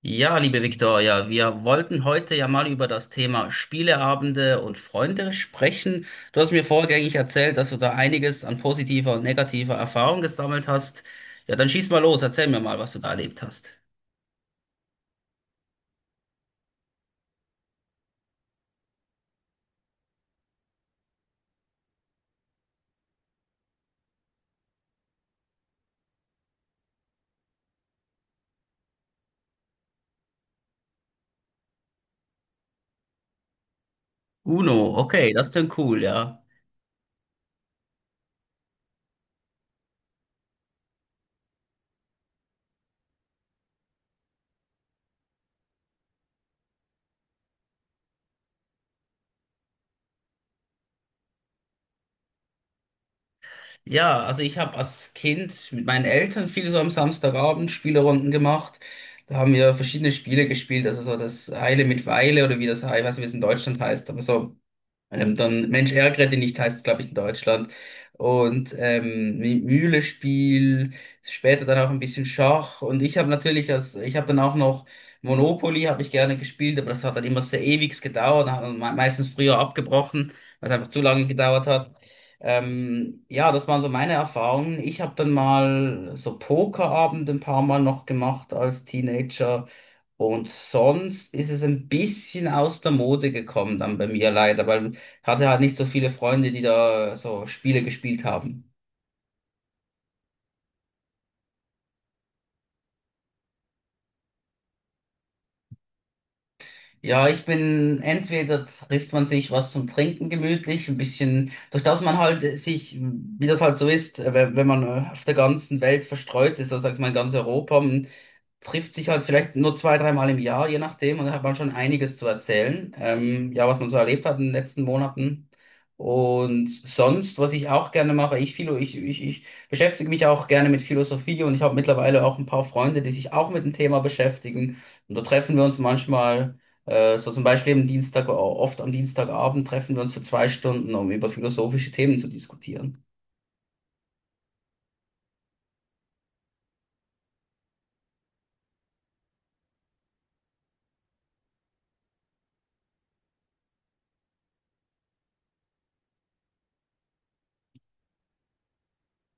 Ja, liebe Viktoria, wir wollten heute ja mal über das Thema Spieleabende und Freunde sprechen. Du hast mir vorgängig erzählt, dass du da einiges an positiver und negativer Erfahrung gesammelt hast. Ja, dann schieß mal los, erzähl mir mal, was du da erlebt hast. Uno, okay, das klingt cool, ja. Ja, also ich habe als Kind mit meinen Eltern viel so am Samstagabend Spielerunden gemacht. Da haben wir verschiedene Spiele gespielt, also so das Eile mit Weile oder wie das, ich weiß nicht, wie es in Deutschland heißt, aber so. Dann Mensch, ärgere dich nicht, heißt es, glaube ich, in Deutschland. Und Mühlespiel, später dann auch ein bisschen Schach. Und ich habe natürlich, als, ich habe dann auch noch Monopoly, habe ich gerne gespielt, aber das hat dann immer sehr ewig gedauert, hat man meistens früher abgebrochen, weil es einfach zu lange gedauert hat. Ja, das waren so meine Erfahrungen. Ich habe dann mal so Pokerabend ein paar Mal noch gemacht als Teenager. Und sonst ist es ein bisschen aus der Mode gekommen dann bei mir leider, weil hatte halt nicht so viele Freunde, die da so Spiele gespielt haben. Ja, ich bin, entweder trifft man sich was zum Trinken gemütlich, ein bisschen, durch das man halt sich, wie das halt so ist, wenn man auf der ganzen Welt verstreut ist, das sagt man in ganz Europa, man trifft sich halt vielleicht nur zwei, dreimal im Jahr, je nachdem, und da hat man schon einiges zu erzählen, ja, was man so erlebt hat in den letzten Monaten. Und sonst, was ich auch gerne mache, ich, philo, ich beschäftige mich auch gerne mit Philosophie und ich habe mittlerweile auch ein paar Freunde, die sich auch mit dem Thema beschäftigen. Und da treffen wir uns manchmal so zum Beispiel am Dienstag, oft am Dienstagabend treffen wir uns für zwei Stunden, um über philosophische Themen zu diskutieren.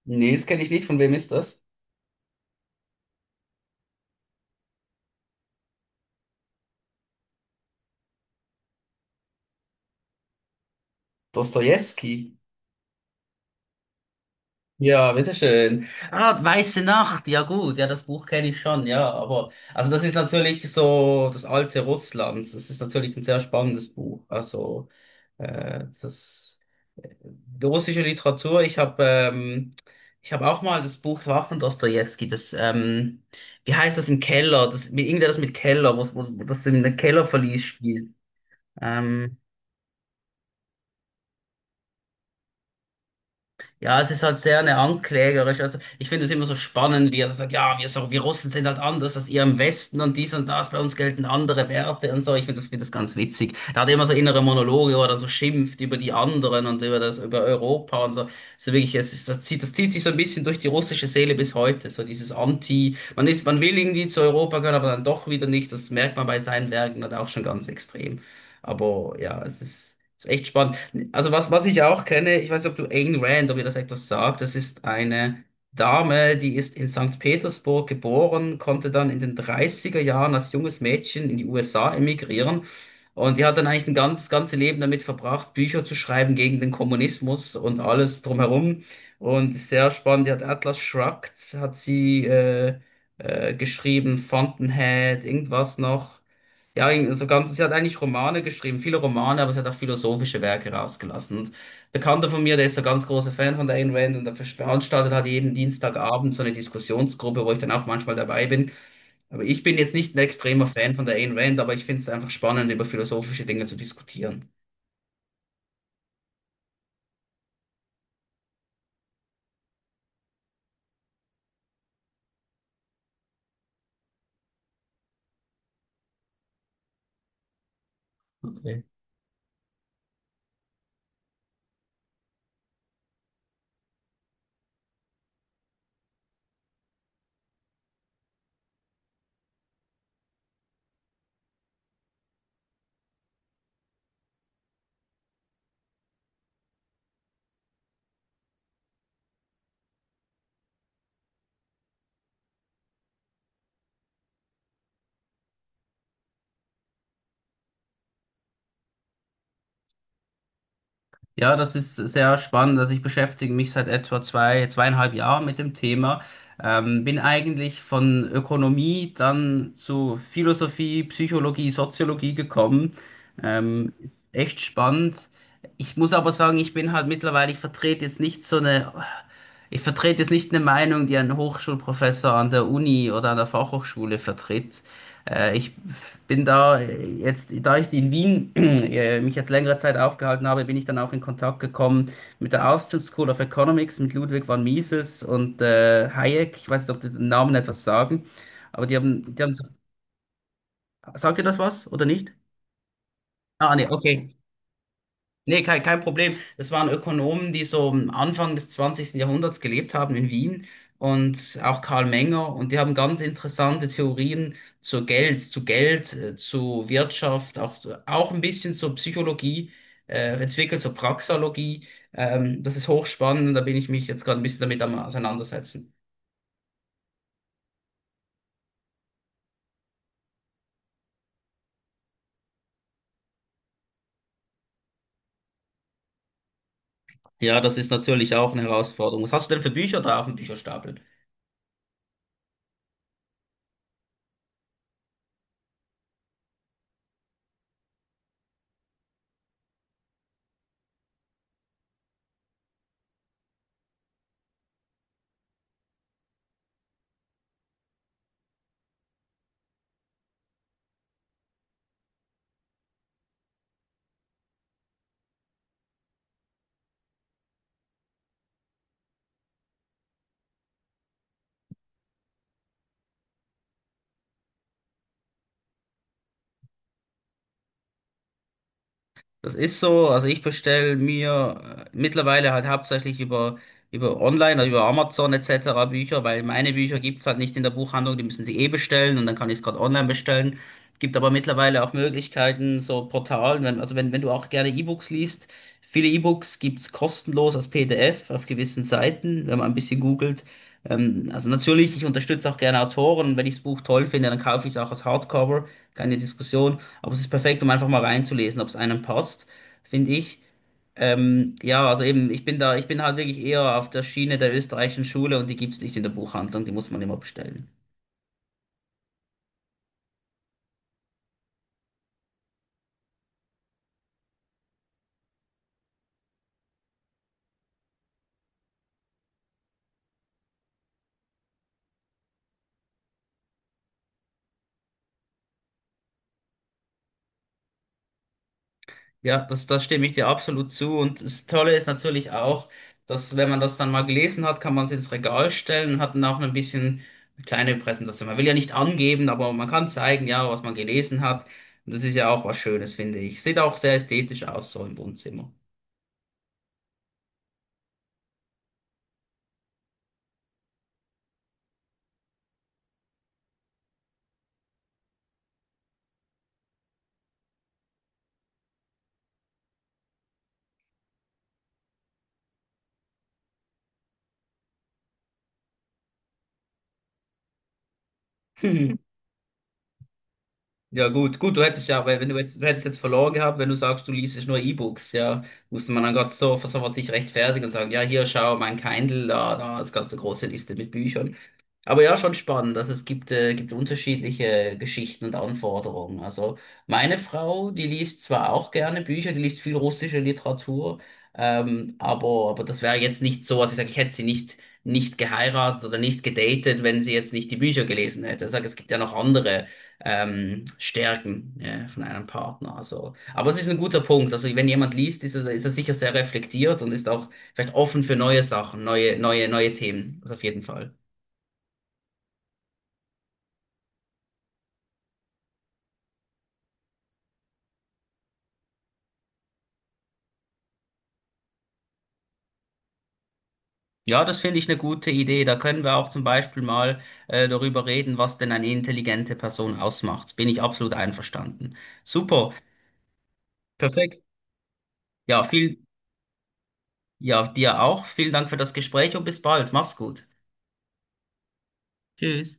Nee, das kenne ich nicht. Von wem ist das? Dostojewski. Ja, bitteschön. Ah, Weiße Nacht, ja gut, ja, das Buch kenne ich schon, ja, aber, also das ist natürlich so das alte Russland, das ist natürlich ein sehr spannendes Buch, also, äh, das, die russische Literatur, ich habe auch mal das Buch, das war auch von Dostojewski, wie heißt das im Keller, das, irgendetwas mit Keller, wo, wo, wo das in einem Kellerverlies spielt, ähm, ja, es ist halt sehr eine anklagerisch. Also ich finde es immer so spannend, wie er so sagt, ja, wir, so, wir Russen sind halt anders als ihr im Westen und dies und das, bei uns gelten andere Werte und so. Ich finde find das ganz witzig. Er hat immer so innere Monologe, wo er so schimpft über die anderen und über das, über Europa und so. So wirklich, das zieht sich so ein bisschen durch die russische Seele bis heute. So dieses Anti, man ist, man will irgendwie zu Europa gehören, aber dann doch wieder nicht. Das merkt man bei seinen Werken halt auch schon ganz extrem. Aber ja, ist echt spannend. Also was ich auch kenne, ich weiß nicht, ob du Ayn Rand, ob ihr das etwas sagt, das ist eine Dame, die ist in St. Petersburg geboren, konnte dann in den 30er Jahren als junges Mädchen in die USA emigrieren und die hat dann eigentlich ein ganze Leben damit verbracht, Bücher zu schreiben gegen den Kommunismus und alles drumherum und sehr spannend, die hat Atlas Shrugged, hat sie geschrieben, Fountainhead, irgendwas noch. Ja, so ganz, sie hat eigentlich Romane geschrieben, viele Romane, aber sie hat auch philosophische Werke rausgelassen. Und ein Bekannter von mir, der ist so ein ganz großer Fan von der Ayn Rand und der veranstaltet hat jeden Dienstagabend so eine Diskussionsgruppe, wo ich dann auch manchmal dabei bin. Aber ich bin jetzt nicht ein extremer Fan von der Ayn Rand, aber ich finde es einfach spannend, über philosophische Dinge zu diskutieren. Okay. Ja, das ist sehr spannend. Also ich beschäftige mich seit etwa zwei, zweieinhalb Jahren mit dem Thema. Bin eigentlich von Ökonomie dann zu Philosophie, Psychologie, Soziologie gekommen. Ähm, Echt spannend. Ich muss aber sagen, ich bin halt mittlerweile, ich vertrete jetzt nicht eine Meinung, die ein Hochschulprofessor an der Uni oder an der Fachhochschule vertritt. Ich bin da jetzt, da ich in Wien mich jetzt längere Zeit aufgehalten habe, bin ich dann auch in Kontakt gekommen mit der Austrian School of Economics, mit Ludwig von Mises und Hayek. Ich weiß nicht, ob die den Namen etwas sagen, aber die haben, sagt ihr das was oder nicht? Ah, nee, okay. Nee, kein Problem. Das waren Ökonomen, die so am Anfang des zwanzigsten Jahrhunderts gelebt haben in Wien und auch Karl Menger. Und die haben ganz interessante Theorien zu Geld, zu Wirtschaft, auch ein bisschen zur Psychologie entwickelt, zur Praxologie. Das ist hochspannend und da bin ich mich jetzt gerade ein bisschen damit am Auseinandersetzen. Ja, das ist natürlich auch eine Herausforderung. Was hast du denn für Bücher da auf dem Bücherstapel? Das ist so, also ich bestelle mir mittlerweile halt hauptsächlich über Online, also über Amazon etc. Bücher, weil meine Bücher gibt's halt nicht in der Buchhandlung, die müssen sie eh bestellen und dann kann ich es gerade online bestellen. Gibt aber mittlerweile auch Möglichkeiten, so Portalen, wenn, also wenn, wenn du auch gerne E-Books liest, viele E-Books gibt's kostenlos als PDF auf gewissen Seiten, wenn man ein bisschen googelt. Also natürlich, ich unterstütze auch gerne Autoren, wenn ich das Buch toll finde, dann kaufe ich es auch als Hardcover, keine Diskussion. Aber es ist perfekt, um einfach mal reinzulesen, ob es einem passt, finde ich. Ja, also eben, ich bin halt wirklich eher auf der Schiene der österreichischen Schule und die gibt's nicht in der Buchhandlung, die muss man immer bestellen. Ja, das stimme ich dir absolut zu. Und das Tolle ist natürlich auch, dass wenn man das dann mal gelesen hat, kann man es ins Regal stellen und hat dann auch ein bisschen eine kleine Präsentation. Man will ja nicht angeben, aber man kann zeigen, ja, was man gelesen hat. Und das ist ja auch was Schönes, finde ich. Sieht auch sehr ästhetisch aus, so im Wohnzimmer. Ja, gut, du hättest ja, weil wenn du jetzt, du hättest jetzt verloren gehabt, wenn du sagst, du liest nur E-Books, ja, musste man dann Gott so sofort sich rechtfertigen und sagen, ja, hier, schau, mein Kindle, da, das ganze große Liste mit Büchern. Aber ja, schon spannend. Also es gibt, gibt unterschiedliche Geschichten und Anforderungen. Also meine Frau, die liest zwar auch gerne Bücher, die liest viel russische Literatur, aber das wäre jetzt nicht so, also ich sage, ich hätte sie nicht, nicht geheiratet oder nicht gedatet, wenn sie jetzt nicht die Bücher gelesen hätte. Ich sage, es gibt ja noch andere Stärken von einem Partner. Also, aber es ist ein guter Punkt. Also wenn jemand liest, ist er sicher sehr reflektiert und ist auch vielleicht offen für neue Sachen, neue Themen. Also auf jeden Fall. Ja, das finde ich eine gute Idee. Da können wir auch zum Beispiel mal darüber reden, was denn eine intelligente Person ausmacht. Bin ich absolut einverstanden. Super, perfekt. Ja, ja, dir auch. Vielen Dank für das Gespräch und bis bald. Mach's gut. Tschüss.